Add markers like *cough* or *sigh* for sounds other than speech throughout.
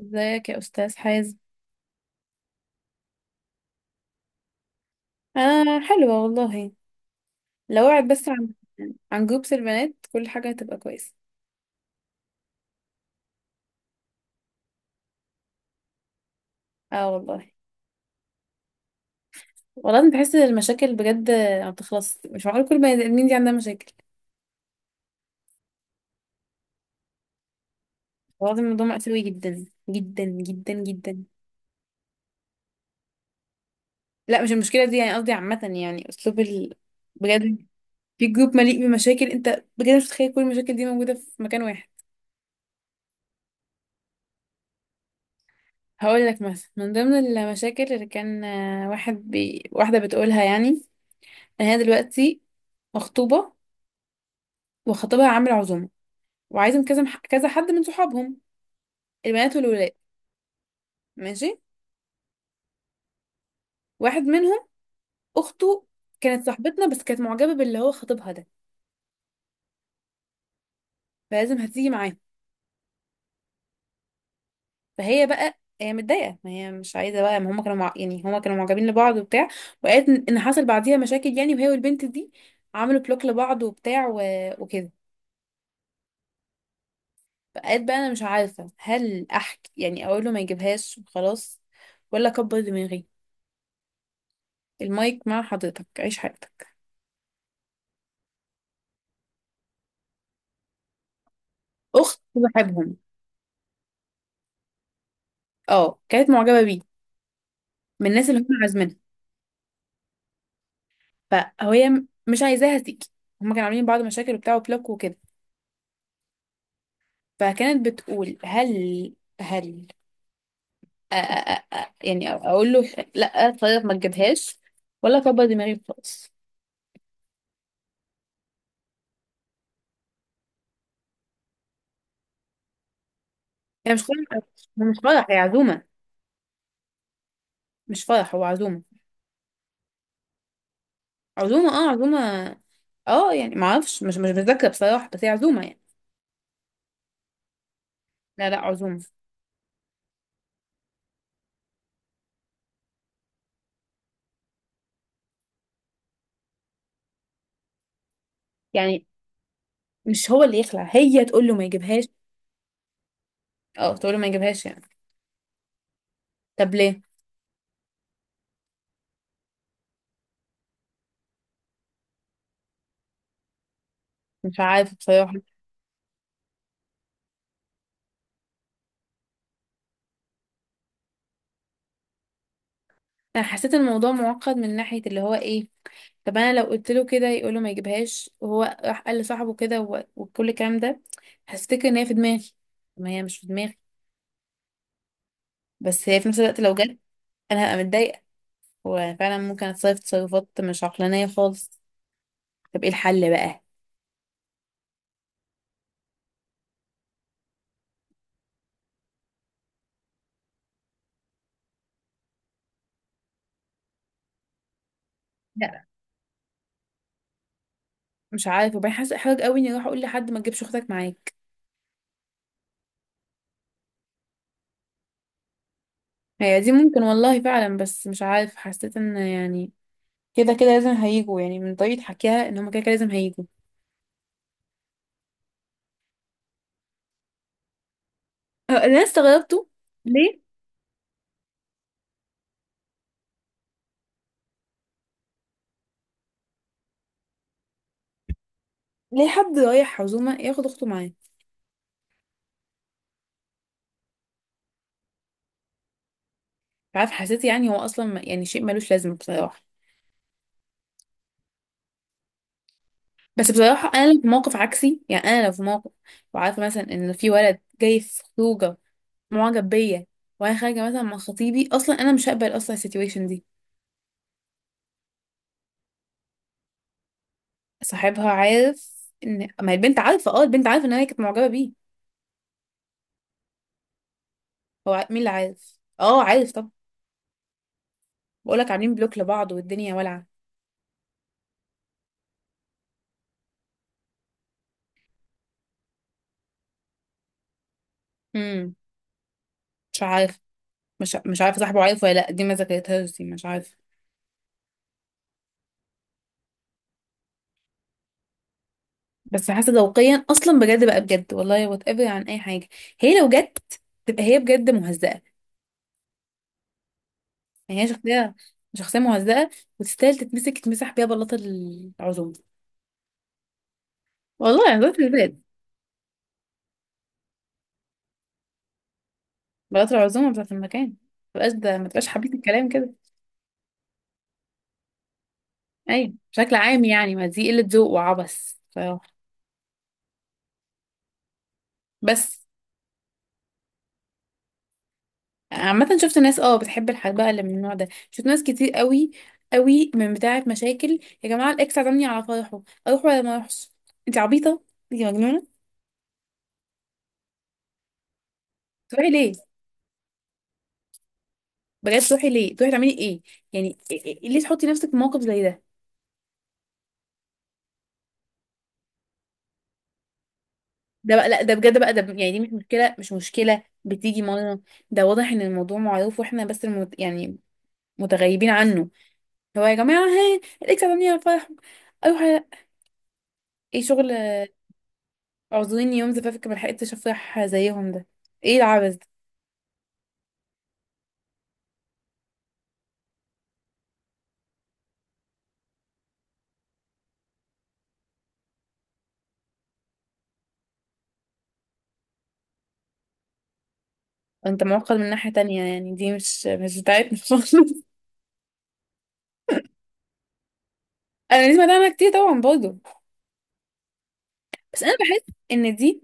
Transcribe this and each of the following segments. ازيك يا استاذ حازم. انا حلوه والله. لو وعد بس عن جروبس البنات كل حاجه هتبقى كويسه. اه والله. والله انا بحس ان المشاكل بجد ما بتخلص، مش معقول كل بني ادمين دي عندها مشاكل. والله الموضوع مأساوي جدا جدا جدا جدا. لا مش المشكله دي، يعني قصدي عامه يعني اسلوب ال... بجد. في جروب مليء بمشاكل، انت بجد مش متخيل كل المشاكل دي موجوده في مكان واحد. هقول لك مثلا من ضمن المشاكل اللي كان واحد واحده بتقولها يعني. يعني انا دلوقتي مخطوبه، وخطيبها عامل عزومه، وعايزه كذا كذا حد من صحابهم، البنات والولاد. ماشي. واحد منهم اخته كانت صاحبتنا، بس كانت معجبه باللي هو خطيبها ده. فلازم هتيجي معاه. فهي بقى هي متضايقه، ما هي مش عايزه بقى، ما هما يعني هما كانوا معجبين لبعض وبتاع. وقالت ان إن حصل بعديها مشاكل يعني، وهي والبنت دي عملوا بلوك لبعض وبتاع و... وكده. فقالت بقى انا مش عارفه هل احكي يعني اقول له ما يجيبهاش وخلاص، ولا اكبر دماغي، المايك مع حضرتك عيش حياتك. اخت صاحبهم. اه كانت معجبه بيه، من الناس اللي هم عازمينها. فهي مش عايزاها تيجي. هم كانوا عاملين بعض مشاكل وبتاع وبلوك وكده. فكانت بتقول هل، هل، أ أ أ أ يعني اقول له لا طيب ما تجيبهاش، ولا اكبر دماغي خالص. هي مش فرح. هو مش فرح، هي عزومه. مش فرح، هو عزومه. عزومه، اه عزومه. اه يعني ما اعرفش، مش متذكره بصراحه، بس هي عزومه يعني. لا عزومه يعني. مش هو اللي يخلع، هي تقول له ما يجيبهاش. اه تقول له ما يجيبهاش يعني. طب ليه؟ مش عارفه بصراحه. انا حسيت الموضوع معقد من ناحيه اللي هو ايه. طب انا لو قلت له كده يقول له ما يجيبهاش، وهو راح قال لصاحبه كده وكل الكلام ده، هفتكر ان هي في دماغي. طب ما هي مش في دماغي، بس هي في نفس الوقت لو جت انا هبقى متضايقه، وفعلا ممكن اتصرف تصرفات مش عقلانيه خالص. طب ايه الحل بقى؟ لا مش عارفه. وبعدين حاسه احراج قوي اني اروح اقول لحد ما تجيبش اختك معاك. هي دي ممكن والله فعلا، بس مش عارف حسيت ان يعني كده كده لازم هيجوا، يعني من طريقة حكيها ان هما كده كده لازم هيجوا. اللي انا استغربته ليه. ليه حد رايح عزومة ياخد اخته معاه؟ مش عارف حسيت يعني هو اصلا يعني شيء ملوش لازمة بصراحة. بس بصراحة انا لو في موقف عكسي، يعني انا لو في موقف وعارفة مثلا ان في ولد جاي في خروجة معجب بيا وانا خارجة مثلا مع خطيبي، اصلا انا مش هقبل اصلا السيتويشن دي. صاحبها عارف. ان ما هي البنت عارفة، اه البنت عارفة ان هي كانت معجبة بيه. هو مين اللي عارف، اه عارف طب. بقولك عاملين بلوك لبعض والدنيا والعة. مش عارف، مش عارفه صاحبه عارف ولا لا، دي ما ذاكرتهاش، دي مش عارفه. بس حاسه ذوقيا اصلا بجد بقى، بجد والله وات ايفر عن اي حاجه، هي لو جت تبقى هي بجد مهزأه. يعني هي شخصيه، شخصيه مهزأه. وتستاهل تتمسك تتمسح بيها بلاطه العزومه، والله يعني بلاطه البيت. بلاطه العزومه بتاعت المكان، ما تبقاش ده، ما تبقاش حبيت الكلام كده. ايوه بشكل عام يعني ما دي قله ذوق وعبث بصراحه. بس عامة شفت ناس اه بتحب الحاجات بقى اللي من النوع ده، شفت ناس كتير قوي قوي من بتاعة مشاكل يا جماعة، الإكس عزمني على فرحه، أروح ولا ما أروحش؟ أنت عبيطة، أنت مجنونة. تروحي ليه؟ بجد تروحي ليه؟ تروحي تعملي إيه؟ يعني إيه ليه تحطي نفسك في موقف زي ده؟ ده بقى لا، ده بجد بقى، يعني دي مش مشكلة، مش مشكلة بتيجي مرة. ده واضح إن الموضوع معروف وإحنا بس يعني متغيبين عنه. هو يا جماعة ها الإكس عزمني على فرحه، أروح على- إيه شغل. اعذريني يوم زفافك ملحقتش افرح زيهم ده. ايه العبث ده؟ انت معقد من ناحية تانية، يعني دي مش بتاعتنا *laughs* خالص. انا دي سمعت عنها كتير طبعا برضه، بس انا بحس ان دي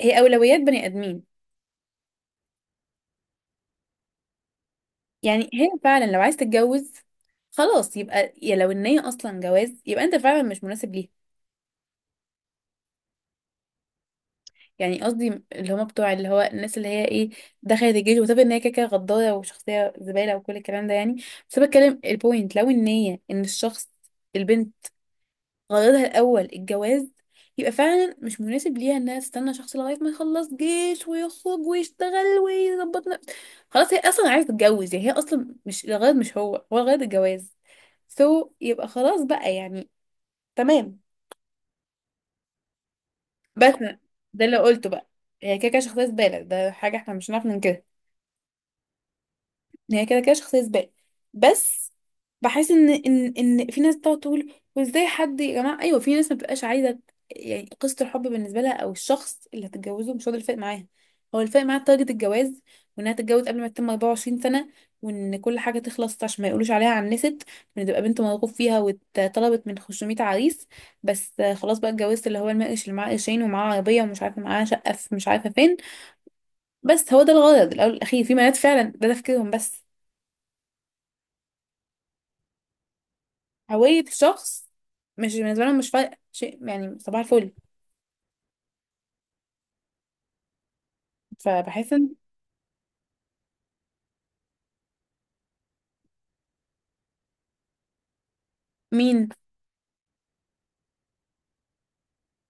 هي اولويات بني ادمين. يعني هي فعلا لو عايز تتجوز خلاص، يبقى يا لو ان هي اصلا جواز، يبقى انت فعلا مش مناسب ليها. يعني قصدي اللي هما بتوع اللي هو الناس اللي هي ايه، دخلت الجيش، وتبقى ان هي كده كده غدارة وشخصية زبالة وكل الكلام ده يعني. بس أنا بتكلم البوينت لو ان هي ان الشخص، البنت، غرضها الأول الجواز، يبقى فعلا مش مناسب ليها انها تستنى شخص لغاية ما يخلص جيش ويخرج ويشتغل ويظبط نفسه. خلاص هي اصلا عايزة تتجوز، يعني هي اصلا مش الغرض، مش هو هو الغرض الجواز. سو يبقى خلاص بقى يعني، تمام. بس ده اللي قلته بقى. هي كده كده شخصية زبالة، ده حاجة احنا مش هنعرف ننكرها. هي كده كده شخصية زبالة. بس بحس ان ان في ناس بتقعد تقول وازاي حد يا جماعة، ايوه في ناس ما بتبقاش عايزة يعني قصة الحب بالنسبة لها او الشخص اللي هتتجوزه مش هو ده الفرق معاها. هو الفرق معاها تارجت الجواز، وانها تتجوز قبل ما تتم 24 سنة، وان كل حاجة تخلص عشان ما يقولوش عليها عنست، وان تبقى بنت مرغوب فيها واتطلبت من 500 عريس. بس خلاص بقى اتجوزت اللي هو المقرش اللي معاه قرشين ومعاه عربية ومش عارفة معاه شقة في مش عارفة فين. بس هو ده الغرض الأول والأخير، في بنات فعلا ده تفكيرهم بس. هوية الشخص مش بالنسبة لهم، مش فارقة شيء يعني، صباح الفل. فبحس ان مين.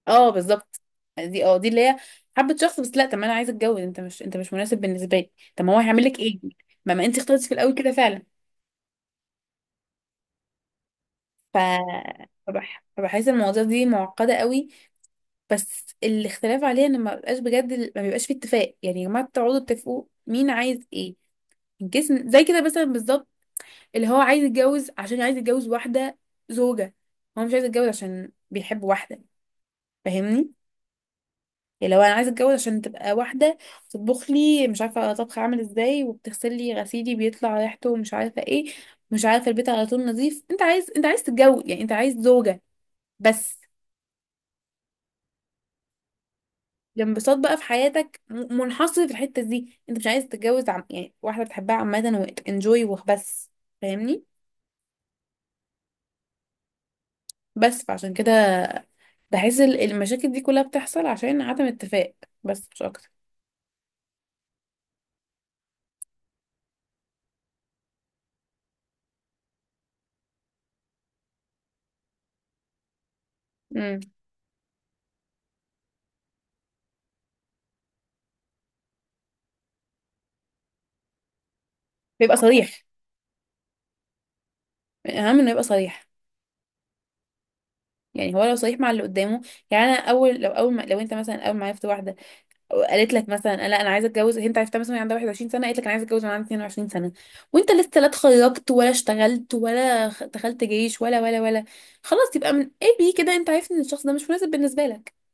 اه بالظبط. دي اه دي اللي هي حبة شخص، بس لا طب ما انا عايزة اتجوز، انت مش مناسب بالنسبة لي. طب ما هو هيعمل لك ايه؟ ما انت اخترتي في الاول كده فعلا. ف فبحس المواضيع دي معقدة قوي. بس الاختلاف عليها ان ما بيبقاش بجد، ما بيبقاش في اتفاق، يعني يا جماعة تقعدوا تتفقوا مين عايز ايه. الجسم زي كده مثلا بالظبط. اللي هو عايز يتجوز عشان عايز يتجوز واحدة، زوجة. هو مش عايز يتجوز عشان بيحب واحدة. فاهمني؟ اللي هو انا عايز اتجوز عشان تبقى واحدة تطبخ لي مش عارفة طبخ عامل ازاي، وبتغسل لي غسيلي بيطلع ريحته مش عارفة ايه، مش عارفة البيت على طول نظيف. انت عايز، انت عايز تتجوز يعني، انت عايز زوجة بس. الانبساط بقى في حياتك منحصر في الحتة دي، انت مش عايز تتجوز يعني واحدة بتحبها عامة وانجوي وبس. فاهمني؟ بس فعشان كده بحس المشاكل دي كلها بتحصل عشان عدم اتفاق، بس مش اكتر. امم، بيبقى صريح، اهم انه يبقى صريح. يعني هو لو صريح مع اللي قدامه، يعني انا اول لو اول ما، لو انت مثلا اول ما عرفت واحده قالت لك مثلا لا انا عايزه اتجوز، انت عرفتها مثلا وهي عندها 21 سنه، قالت لك انا عايزه اتجوز وانا عندي 22 سنه، وانت لسه لا اتخرجت ولا اشتغلت ولا دخلت جيش ولا ولا ولا، خلاص يبقى من اي بي كده انت عارف ان الشخص ده مش مناسب بالنسبه لك.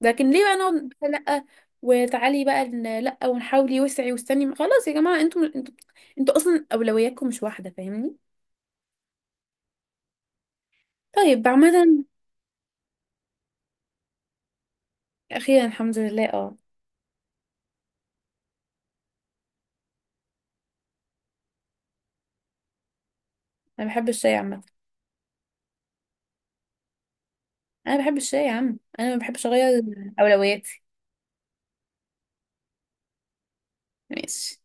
لكن ليه بقى نقعد بقى لا، وتعالي بقى لا ونحاولي وسعي واستني، خلاص يا جماعه انتوا، انتوا اصلا اولوياتكم مش واحده. فاهمني؟ طيب عامه. اخيرا الحمد لله اه. انا بحب الشاي عامه. انا بحب الشاي يا عم، انا ما بحبش اغير اولوياتي. ماشي.